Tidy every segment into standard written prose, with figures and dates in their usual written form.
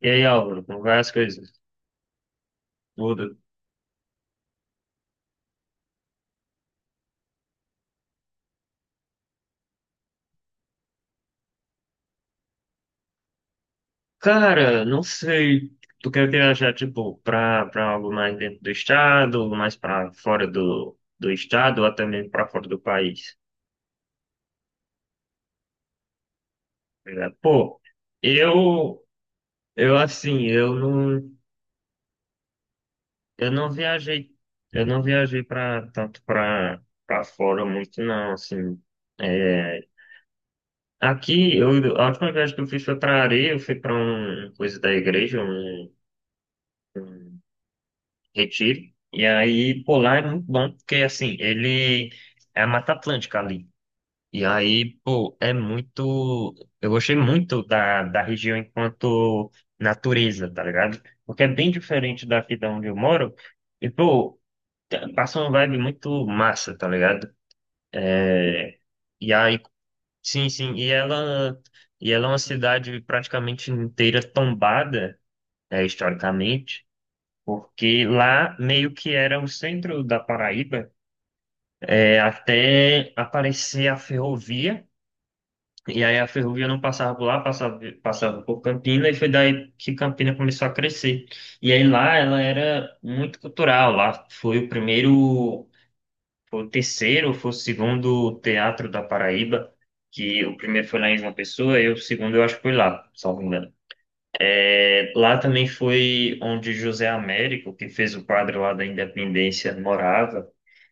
E aí, Álvaro, como vai as coisas? Tudo. Cara, não sei. Tu quer viajar, tipo, pra algo mais dentro do estado, algo mais pra fora do estado, ou até mesmo pra fora do país? Tá ligado? Pô, eu, eu assim, eu não viajei, eu não viajei pra, tanto pra fora muito, não, assim. É, aqui, eu, a última viagem que eu fiz foi pra areia. Eu fui pra um, coisa da igreja, um um retiro. E aí, pô, lá é muito bom, porque assim, ele é a Mata Atlântica ali. E aí, pô, é muito. Eu gostei muito da região enquanto natureza, tá ligado? Porque é bem diferente daqui da onde eu moro. E, pô, passa uma vibe muito massa, tá ligado? E aí, sim, sim. E ela é uma cidade praticamente inteira tombada, é, historicamente, porque lá meio que era o centro da Paraíba. É até aparecer a ferrovia, e aí a ferrovia não passava por lá, passava, passava por Campina, e foi daí que Campina começou a crescer. E aí lá ela era muito cultural. Lá foi o primeiro, foi o terceiro, foi o segundo teatro da Paraíba, que o primeiro foi lá em João Pessoa, e o segundo eu acho que foi lá, salvo engano. É, lá também foi onde José Américo, que fez o quadro lá da Independência, morava.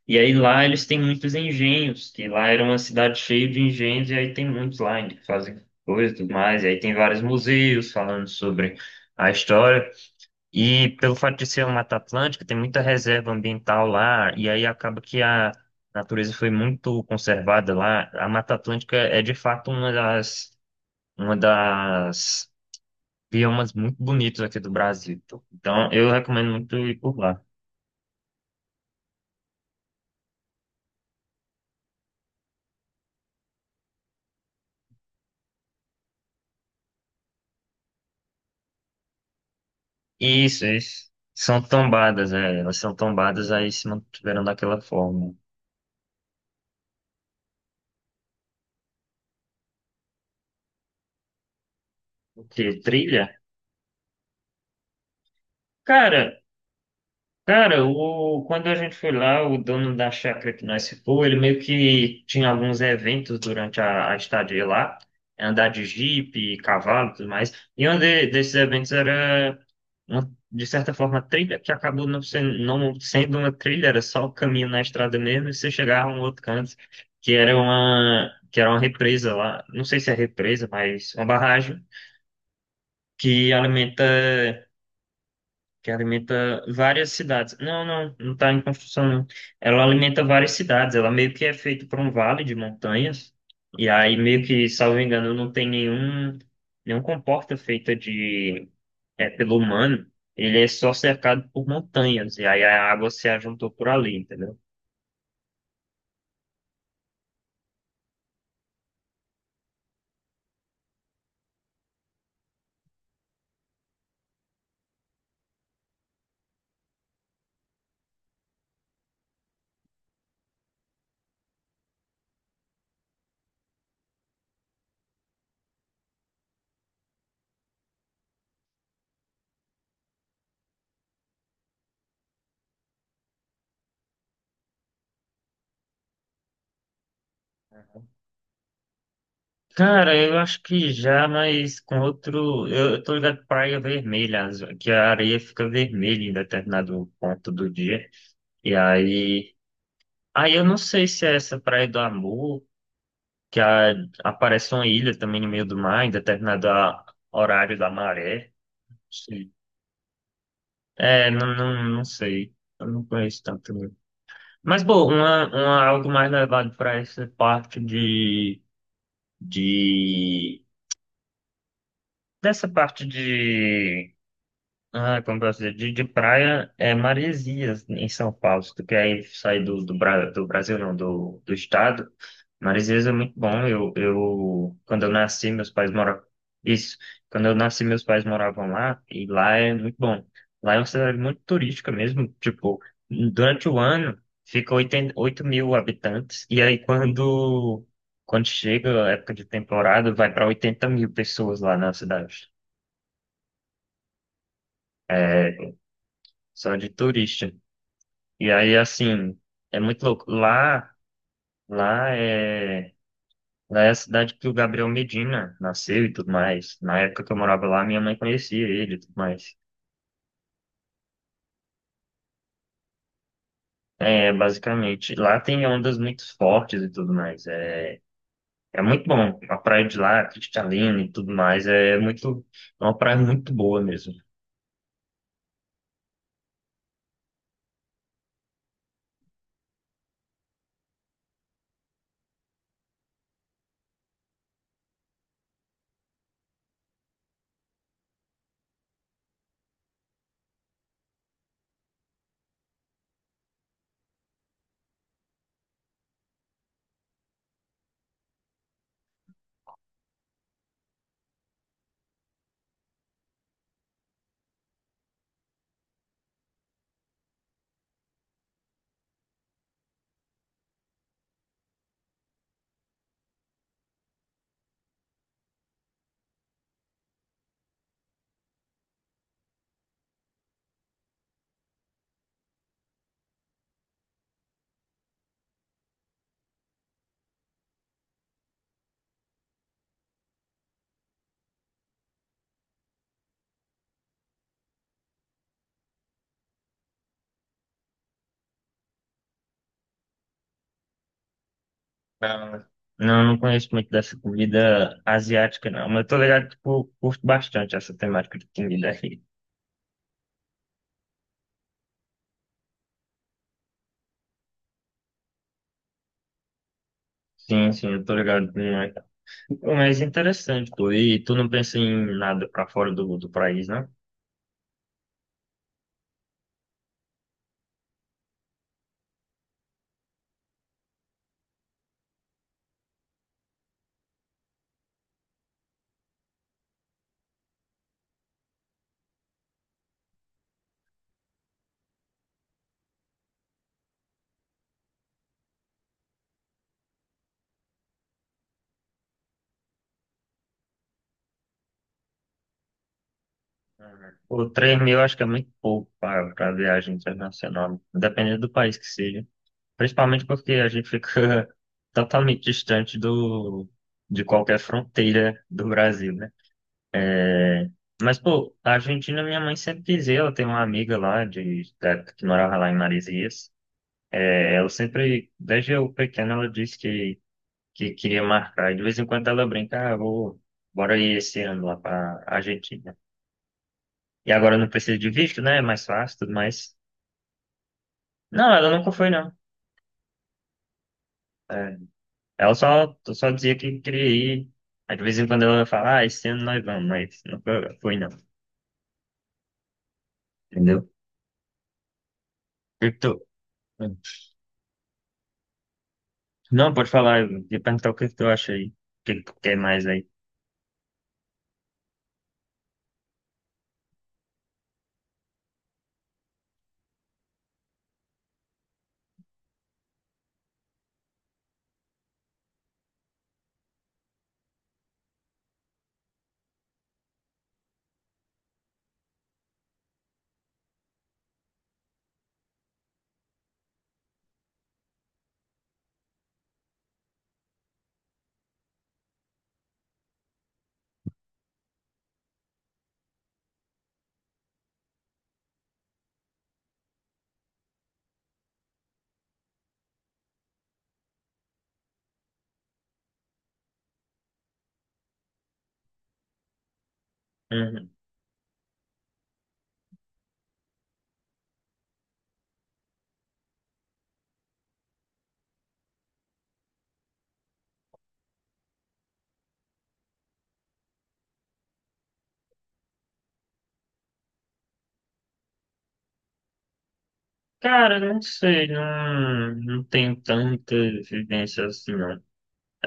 E aí lá eles têm muitos engenhos, que lá era uma cidade cheia de engenhos, e aí tem muitos lá ainda que fazem coisas e tudo mais. E aí tem vários museus falando sobre a história. E pelo fato de ser uma Mata Atlântica, tem muita reserva ambiental lá, e aí acaba que a natureza foi muito conservada lá. A Mata Atlântica é de fato uma das biomas muito bonitos aqui do Brasil, pô. Então, eu recomendo muito ir por lá. Isso, isso. São tombadas, é. Elas são tombadas, aí se mantiveram daquela forma. O quê? Trilha? Cara, cara, o, quando a gente foi lá, o dono da chácara que nós ficou, ele meio que tinha alguns eventos durante a estadia lá. Andar de jipe, cavalo e tudo mais. E um desses eventos era de certa forma, trilha que acabou não sendo, não sendo uma trilha, era só o caminho na estrada mesmo, e você chegava a um outro canto, que era uma represa lá, não sei se é represa, mas uma barragem que alimenta, que alimenta várias cidades. Não, não, não está em construção, não. Ela alimenta várias cidades, ela meio que é feita por um vale de montanhas, e aí meio que, salvo engano, não tem nenhum comporta feita de é, pelo humano, ele é só cercado por montanhas, e aí a água se ajuntou por ali, entendeu? Cara, eu acho que já, mas com outro. Eu tô ligado pra Praia Vermelha, que a areia fica vermelha em determinado ponto do dia. E aí. Aí eu não sei se é essa Praia do Amor, que aparece uma ilha também no meio do mar, em determinado horário da maré. Sim. É, não, não sei. Eu não conheço tanto. Mas, pô, uma, algo mais levado para essa parte de... Dessa parte de ah, como posso dizer, de praia é Maresias, em São Paulo. Se tu quer ir sair do, do, do Brasil, não, do estado, Maresias é muito bom. Quando eu nasci, meus pais moravam. Isso, quando eu nasci, meus pais moravam lá, e lá é muito bom. Lá é uma cidade muito turística mesmo. Tipo, durante o ano, fica 8.000 habitantes, e aí quando chega a época de temporada, vai para 80.000 pessoas lá na cidade. É, só de turista. E aí, assim, é muito louco. Lá, lá é, lá é a cidade que o Gabriel Medina nasceu e tudo mais. Na época que eu morava lá, minha mãe conhecia ele e tudo mais. É, basicamente, lá tem ondas muito fortes e tudo mais. É, é muito bom. A praia de lá, cristalina e tudo mais, é muito, é uma praia muito boa mesmo. Ah, não, eu não conheço muito dessa comida asiática, não. Mas eu tô ligado que eu curto bastante essa temática de comida aí. Sim, sim, eu tô ligado. Pô, mas interessante, pô. E tu não pensa em nada pra fora do país, né? Pô, 3 mil acho que é muito pouco pra pra viagem internacional, dependendo do país que seja. Principalmente porque a gente fica totalmente distante do, de qualquer fronteira do Brasil, né? É, mas, pô, a Argentina, minha mãe sempre dizia, ela tem uma amiga lá de, da época que morava lá em Marizias. É, ela sempre, desde eu pequeno, ela disse que queria marcar. E de vez em quando ela brinca, ah, vou, bora ir esse ano lá pra Argentina. E agora não precisa de visto, né? É mais fácil, tudo mais. Não, ela nunca foi, não. É, ela só dizia que queria ir. Aí de vez em quando ela fala, ah, esse ano nós vamos, mas nunca foi, não. Entendeu? O que que tu... Não, pode falar, eu ia perguntar o que que tu acha aí. O que que tu quer mais aí? Uhum. Cara, não sei, não, não tenho tanta vivência assim, não.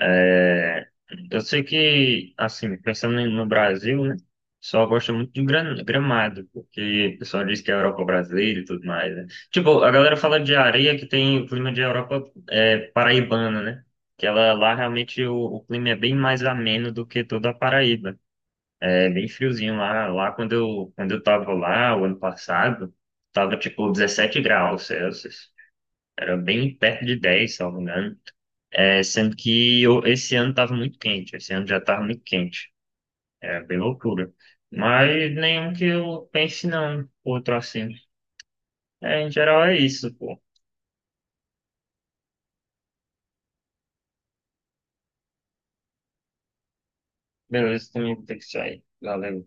É, eu sei que, assim, pensando no Brasil, né? O pessoal gosta muito de Gramado, porque o pessoal diz que é a Europa brasileira e tudo mais, né? Tipo, a galera fala de areia que tem o clima de Europa é, paraibana, né? Que ela lá realmente o clima é bem mais ameno do que toda a Paraíba. É bem friozinho lá. Lá quando eu tava lá o ano passado, tava tipo 17 graus Celsius. Era bem perto de 10 se eu não me engano. É, sendo que esse ano estava muito quente, esse ano já estava muito quente. É bem loucura. Mas nenhum que eu pense, não, outro assim. É, em geral é isso, pô. Beleza, também vou ter que sair. Valeu.